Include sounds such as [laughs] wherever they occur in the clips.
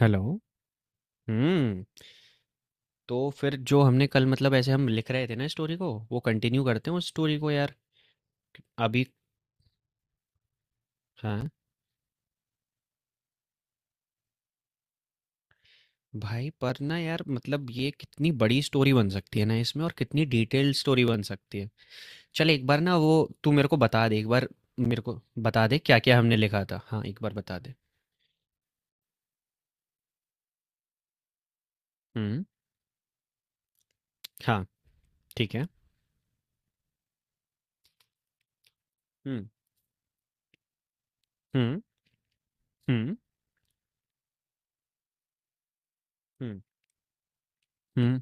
Hello. हुँ। तो फिर जो हमने कल मतलब ऐसे हम लिख रहे थे ना स्टोरी को, वो कंटिन्यू करते हैं उस स्टोरी को यार। अभी हाँ, भाई पर ना यार मतलब ये कितनी बड़ी स्टोरी बन सकती है ना इसमें और कितनी डिटेल्ड स्टोरी बन सकती है। चल एक बार ना वो तू मेरे को बता दे एक बार मेरे को बता दे क्या-क्या हमने लिखा था? हाँ, एक बार बता दे। हुँ, हाँ, ठीक है। हुँ। हुँ। हुँ। हुँ। हुँ।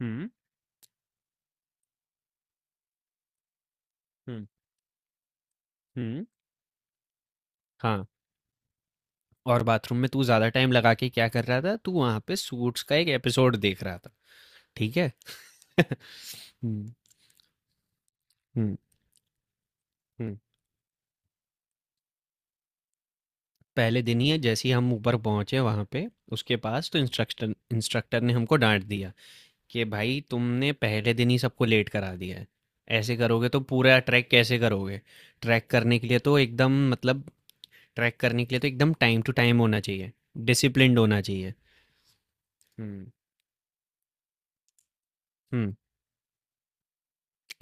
हुँ। हुँ। हुँ। हाँ। और बाथरूम में तू ज्यादा टाइम लगा के क्या कर रहा था? तू वहां पे सूट्स का एक एपिसोड देख रहा था। ठीक है। [laughs] हम्म। हम्म। हम्म। पहले दिन ही है जैसे ही हम ऊपर पहुंचे वहां पे उसके पास तो इंस्ट्रक्टर इंस्ट्रक्टर ने हमको डांट दिया कि भाई तुमने पहले दिन ही सबको लेट करा दिया है। ऐसे करोगे तो पूरा ट्रैक कैसे करोगे? ट्रैक करने के लिए तो एकदम मतलब ट्रैक करने के लिए तो एकदम टाइम टू टाइम होना चाहिए, डिसिप्लिन्ड होना चाहिए। हम्म। हम्म।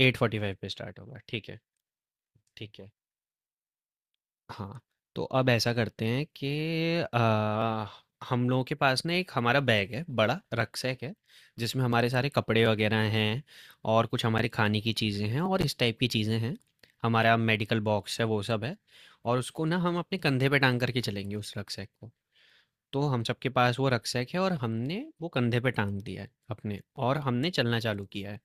एट फोर्टी फाइव पे स्टार्ट होगा, ठीक है। ठीक है। हाँ, तो अब ऐसा करते हैं कि अ, हम लोगों के पास ना एक हमारा बैग है, बड़ा रक्सैक है, जिसमें हमारे सारे कपड़े वगैरह हैं और कुछ हमारे खाने की चीज़ें हैं और इस टाइप की चीज़ें हैं। हमारा मेडिकल बॉक्स है, वो सब है और उसको ना हम अपने कंधे पे टाँग करके चलेंगे उस रक्सैक को। तो हम सबके पास वो रक्सैक है और हमने वो कंधे पे टाँग दिया है अपने और हमने चलना चालू किया है।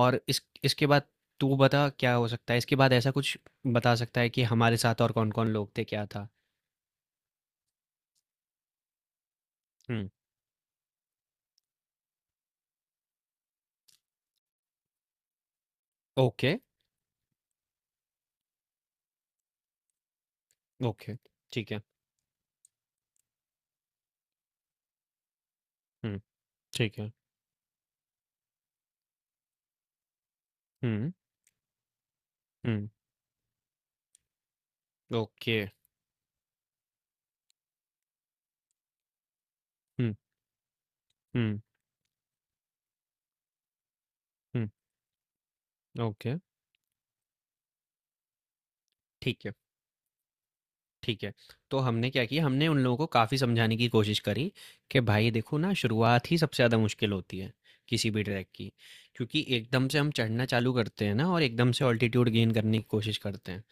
और इस इसके बाद तू बता क्या हो सकता है? इसके बाद ऐसा कुछ बता सकता है कि हमारे साथ और कौन-कौन लोग थे, क्या था? हुँ। ओके। ओके, ठीक है। हुँ, ठीक है। हुँ। हुँ। ओके। हुँ। हुँ। हुँ। ओके, ठीक है, ठीक है। तो हमने क्या किया, हमने उन लोगों को काफ़ी समझाने की कोशिश करी कि भाई देखो ना शुरुआत ही सबसे ज़्यादा मुश्किल होती है, किसी भी ट्रैक की। क्योंकि एकदम से हम चढ़ना चालू करते हैं ना और एकदम से ऑल्टीट्यूड गेन करने की कोशिश करते हैं।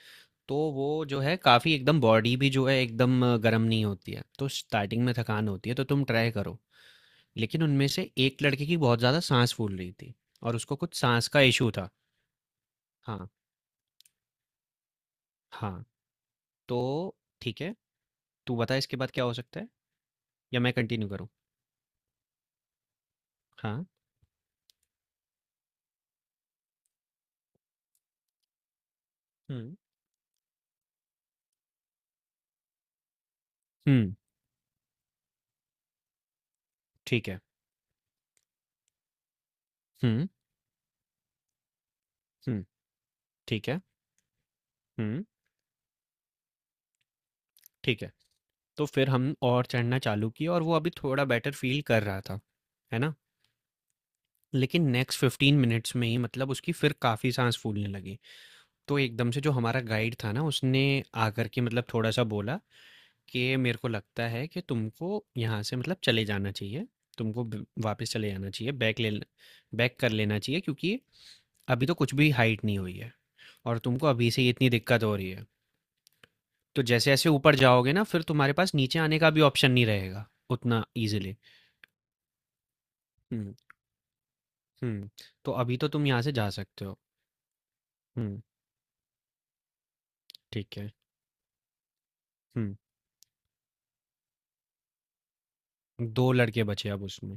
तो वो जो है काफ़ी एकदम बॉडी भी जो है एकदम गर्म नहीं होती है तो स्टार्टिंग में थकान होती है तो तुम ट्राई करो। लेकिन उनमें से एक लड़के की बहुत ज़्यादा सांस फूल रही थी और उसको कुछ सांस का इशू था। हाँ। हाँ। तो ठीक है, तू बता इसके बाद क्या हो सकता है या मैं कंटिन्यू करूँ? हाँ। हम्म। हम्म। ठीक है। हम्म। हम्म। ठीक है। हम्म। ठीक है। तो फिर हम और चढ़ना चालू किया और वो अभी थोड़ा बेटर फील कर रहा था, है ना? लेकिन नेक्स्ट फिफ्टीन मिनट्स में ही मतलब उसकी फिर काफ़ी सांस फूलने लगी। तो एकदम से जो हमारा गाइड था ना उसने आकर के मतलब थोड़ा-सा बोला कि मेरे को लगता है कि तुमको यहाँ से मतलब चले जाना चाहिए। तुमको ब वापस चले जाना चाहिए, बैक ले, बैक कर लेना चाहिए क्योंकि अभी तो कुछ भी हाइट नहीं हुई है और तुमको अभी से ही इतनी दिक्कत हो रही है। तो जैसे-जैसे ऊपर जाओगे ना फिर तुम्हारे पास नीचे आने का भी ऑप्शन नहीं रहेगा उतना ईज़िली। हुँ। हुँ। तो अभी तो तुम यहाँ से जा सकते हो। हुँ, ठीक है। हुँ, 2 लड़के बचे अब उसमें।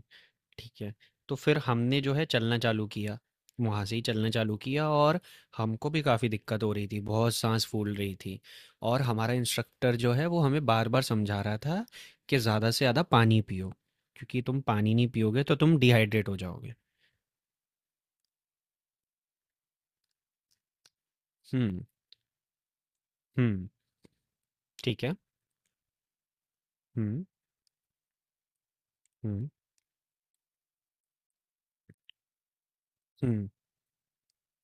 ठीक है। तो फिर हमने जो है चलना चालू किया। वहाँ से ही चलना चालू किया और हमको भी काफ़ी दिक्कत हो रही थी, बहुत साँस फूल रही थी और हमारा इंस्ट्रक्टर जो है वो हमें बार-बार समझा रहा था कि ज़्यादा से ज़्यादा पानी पियो, क्योंकि तुम पानी नहीं पियोगे तो तुम डिहाइड्रेट हो जाओगे। हुँ। हुँ, ठीक है। हुँ। हुँ। हुँ।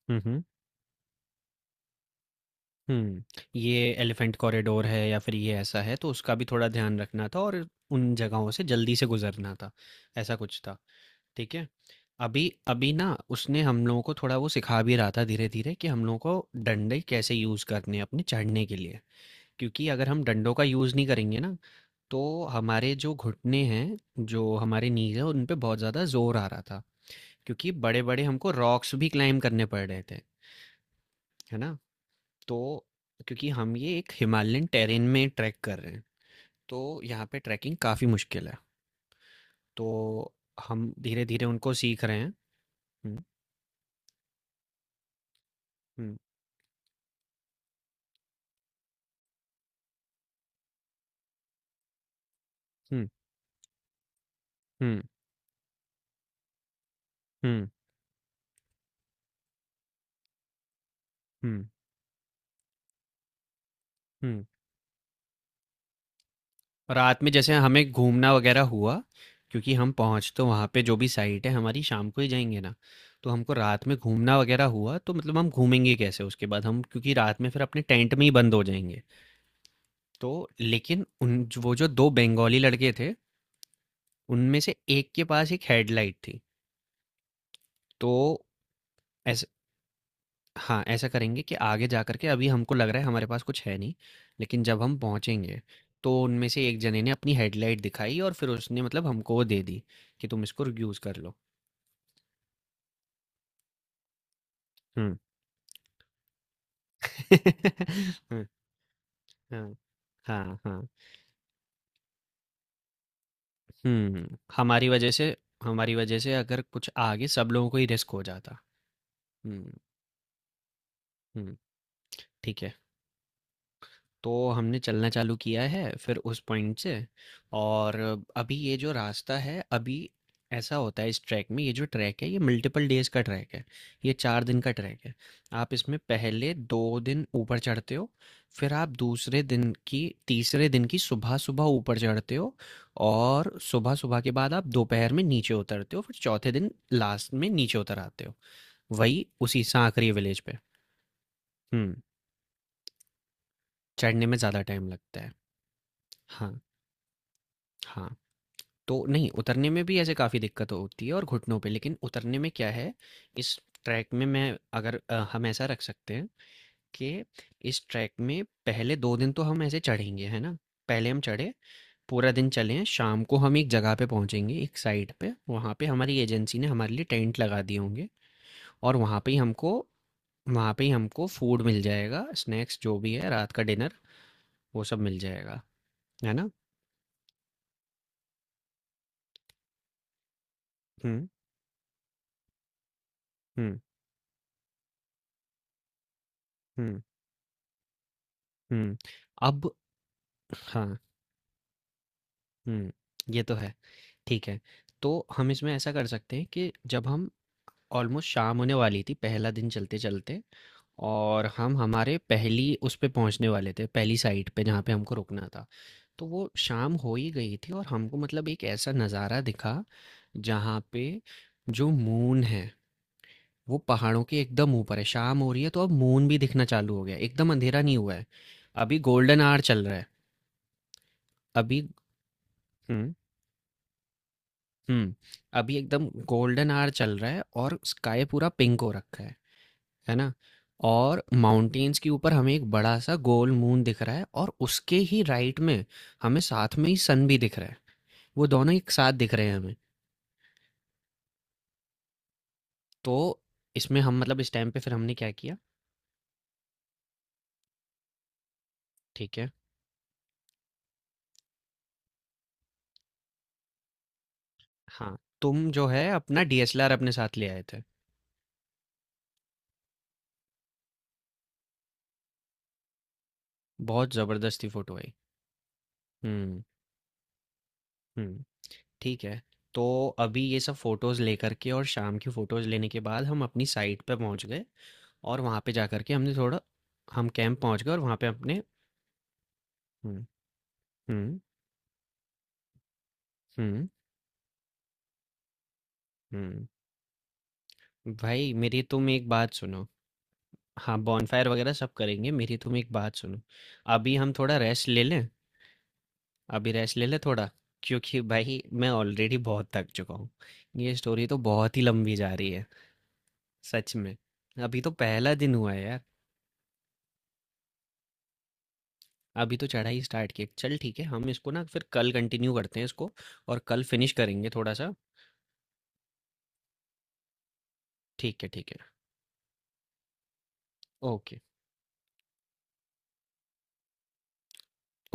हुँ। हुँ। हुँ। ये एलिफेंट कॉरिडोर है या फिर ये ऐसा है, तो उसका भी थोड़ा ध्यान रखना था और उन जगहों से जल्दी से गुज़रना था, ऐसा कुछ था। ठीक है? अभी, अभी ना उसने हम लोगों को थोड़ा वो सिखा भी रहा था धीरे-धीरे कि हम लोगों को डंडे कैसे यूज़ करने हैं अपने चढ़ने के लिए। क्योंकि अगर हम डंडों का यूज़ नहीं करेंगे ना, तो हमारे जो घुटने हैं, जो हमारे नीज़ हैं, उन पे बहुत ज़्यादा ज़ोर आ रहा था। क्योंकि बड़े-बड़े हमको रॉक्स भी क्लाइम्ब करने पड़ रहे थे, है ना? तो क्योंकि हम ये एक हिमालयन टेरेन में ट्रैक कर रहे हैं, तो यहाँ पे ट्रैकिंग काफ़ी मुश्किल है। तो हम धीरे-धीरे उनको सीख रहे हैं। हुँ। हुँ। हुँ। हुँ। हुँ। हुँ। हुँ। रात में जैसे हमें घूमना वगैरह हुआ, क्योंकि हम पहुँच तो वहाँ पे जो भी साइट है हमारी शाम को ही जाएँगे ना, तो हमको रात में घूमना वगैरह हुआ, तो मतलब हम घूमेंगे कैसे उसके बाद हम क्योंकि रात में फिर अपने टेंट में ही बंद हो जाएँगे। तो लेकिन उन ज वो जो 2 बंगाली लड़के थे, उनमें से एक के पास एक हेडलाइट थी, तो ऐसे हाँ, ऐसा करेंगे कि आगे जा कर के अभी हमको लग रहा है हमारे पास कुछ है नहीं, लेकिन जब हम पहुँचेंगे, तो उनमें से एक जने ने अपनी हेडलाइट दिखाई और फिर उसने मतलब हमको वो दे दी, कि तुम इसको यूज़ कर लो। हुँ। हुँ। [laughs] हाँ। हाँ, हाँ। हुँ, हमारी वजह से, हमारी वजह से अगर कुछ आगे सब लोगों को ही रिस्क हो जाता। हुँ। हुँ, ठीक है। तो हमने चलना चालू किया है फिर उस पॉइंट से। और अभी ये जो रास्ता है अभी, ऐसा होता है इस ट्रैक में, ये जो ट्रैक है ये मल्टीपल डेज का ट्रैक है, ये चार दिन का ट्रैक है। आप इसमें पहले दो दिन ऊपर चढ़ते हो, फिर आप दूसरे दिन की, तीसरे दिन की सुबह सुबह ऊपर चढ़ते हो और सुबह सुबह के बाद आप दोपहर में नीचे उतरते हो, फिर चौथे दिन लास्ट में नीचे उतर आते हो, वही उसी सांकरी विलेज पे। हम्म। चढ़ने में ज़्यादा टाइम लगता है। हाँ। हाँ। तो नहीं, उतरने में भी ऐसे काफ़ी दिक्कत होती है और घुटनों पे, लेकिन उतरने में क्या है, इस ट्रैक में मैं अगर हम ऐसा रख सकते हैं कि इस ट्रैक में पहले 2 दिन तो हम ऐसे चढ़ेंगे, है ना? पहले हम चढ़े, पूरा दिन चले, शाम को हम एक जगह पे पहुँचेंगे, एक साइट पे, वहाँ पे हमारी एजेंसी ने हमारे लिए टेंट लगा दिए होंगे और वहाँ पे ही हमको, वहाँ पे ही हमको फूड मिल जाएगा, स्नैक्स जो भी है, रात का डिनर, वो सब मिल जाएगा, है ना? हुँ। हुँ। हुँ। हुँ। अब हाँ। हुँ, ये तो है। ठीक है, तो हम इसमें ऐसा कर सकते हैं कि जब हम ऑलमोस्ट शाम होने वाली थी पहला दिन चलते-चलते और हम हमारे पहली उस पे पहुँचने वाले थे, पहली साइट पे जहाँ पे हमको रुकना था। तो वो शाम हो ही गई थी और हमको मतलब एक ऐसा नज़ारा दिखा जहाँ पे जो मून है, वो पहाड़ों के एकदम ऊपर है। शाम हो रही है तो अब मून भी दिखना चालू हो गया है, एकदम अंधेरा नहीं हुआ है। अभी गोल्डन ऑवर चल रहा है। अभी हुँ। हुँ। अभी एकदम गोल्डन ऑवर चल रहा है और स्काई पूरा पिंक हो रखा है ना? और माउंटेन्स के ऊपर हमें एक बड़ा-सा गोल मून दिख रहा है और उसके ही राइट में हमें साथ में ही सन भी दिख रहा है। वो दोनों एक साथ दिख रहे हैं हमें। तो इसमें हम मतलब इस टाइम पे फिर हमने क्या किया? ठीक है। हाँ, तुम जो है अपना डीएसएलआर अपने साथ ले आए थे। बहुत ज़बरदस्त ही फ़ोटो आई। हुँ। हुँ। ठीक है। तो अभी ये सब फ़ोटोज़ लेकर के और शाम की फ़ोटोज़ लेने के बाद हम अपनी साइट पे पहुँच गए और वहाँ पे जाकर के हमने थोड़ा, हम कैंप पहुँच गए और वहाँ पे अपने, हुँ। हुँ। हुँ। हुँ। भाई मेरी तुम एक बात सुनो। हाँ, बॉनफायर वग़ैरह सब करेंगे, मेरी तुम एक बात सुनो। अभी हम थोड़ा रेस्ट ले लें? अभी रेस्ट ले लें थोड़ा? क्योंकि भाई मैं ऑलरेडी बहुत थक चुका हूँ। ये स्टोरी तो बहुत ही लंबी जा रही है, सच में। अभी तो पहला दिन हुआ है यार। अभी तो चढ़ाई स्टार्ट की है। चल ठीक है हम इसको ना फिर कल कंटिन्यू करते हैं इसको और कल फिनिश करेंगे थोड़ा सा। ठीक है, ठीक है। ओके।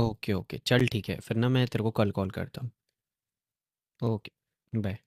ओके। ओके चल ठीक है फिर ना मैं तेरे को कल कॉल करता हूँ। ओके। बाय।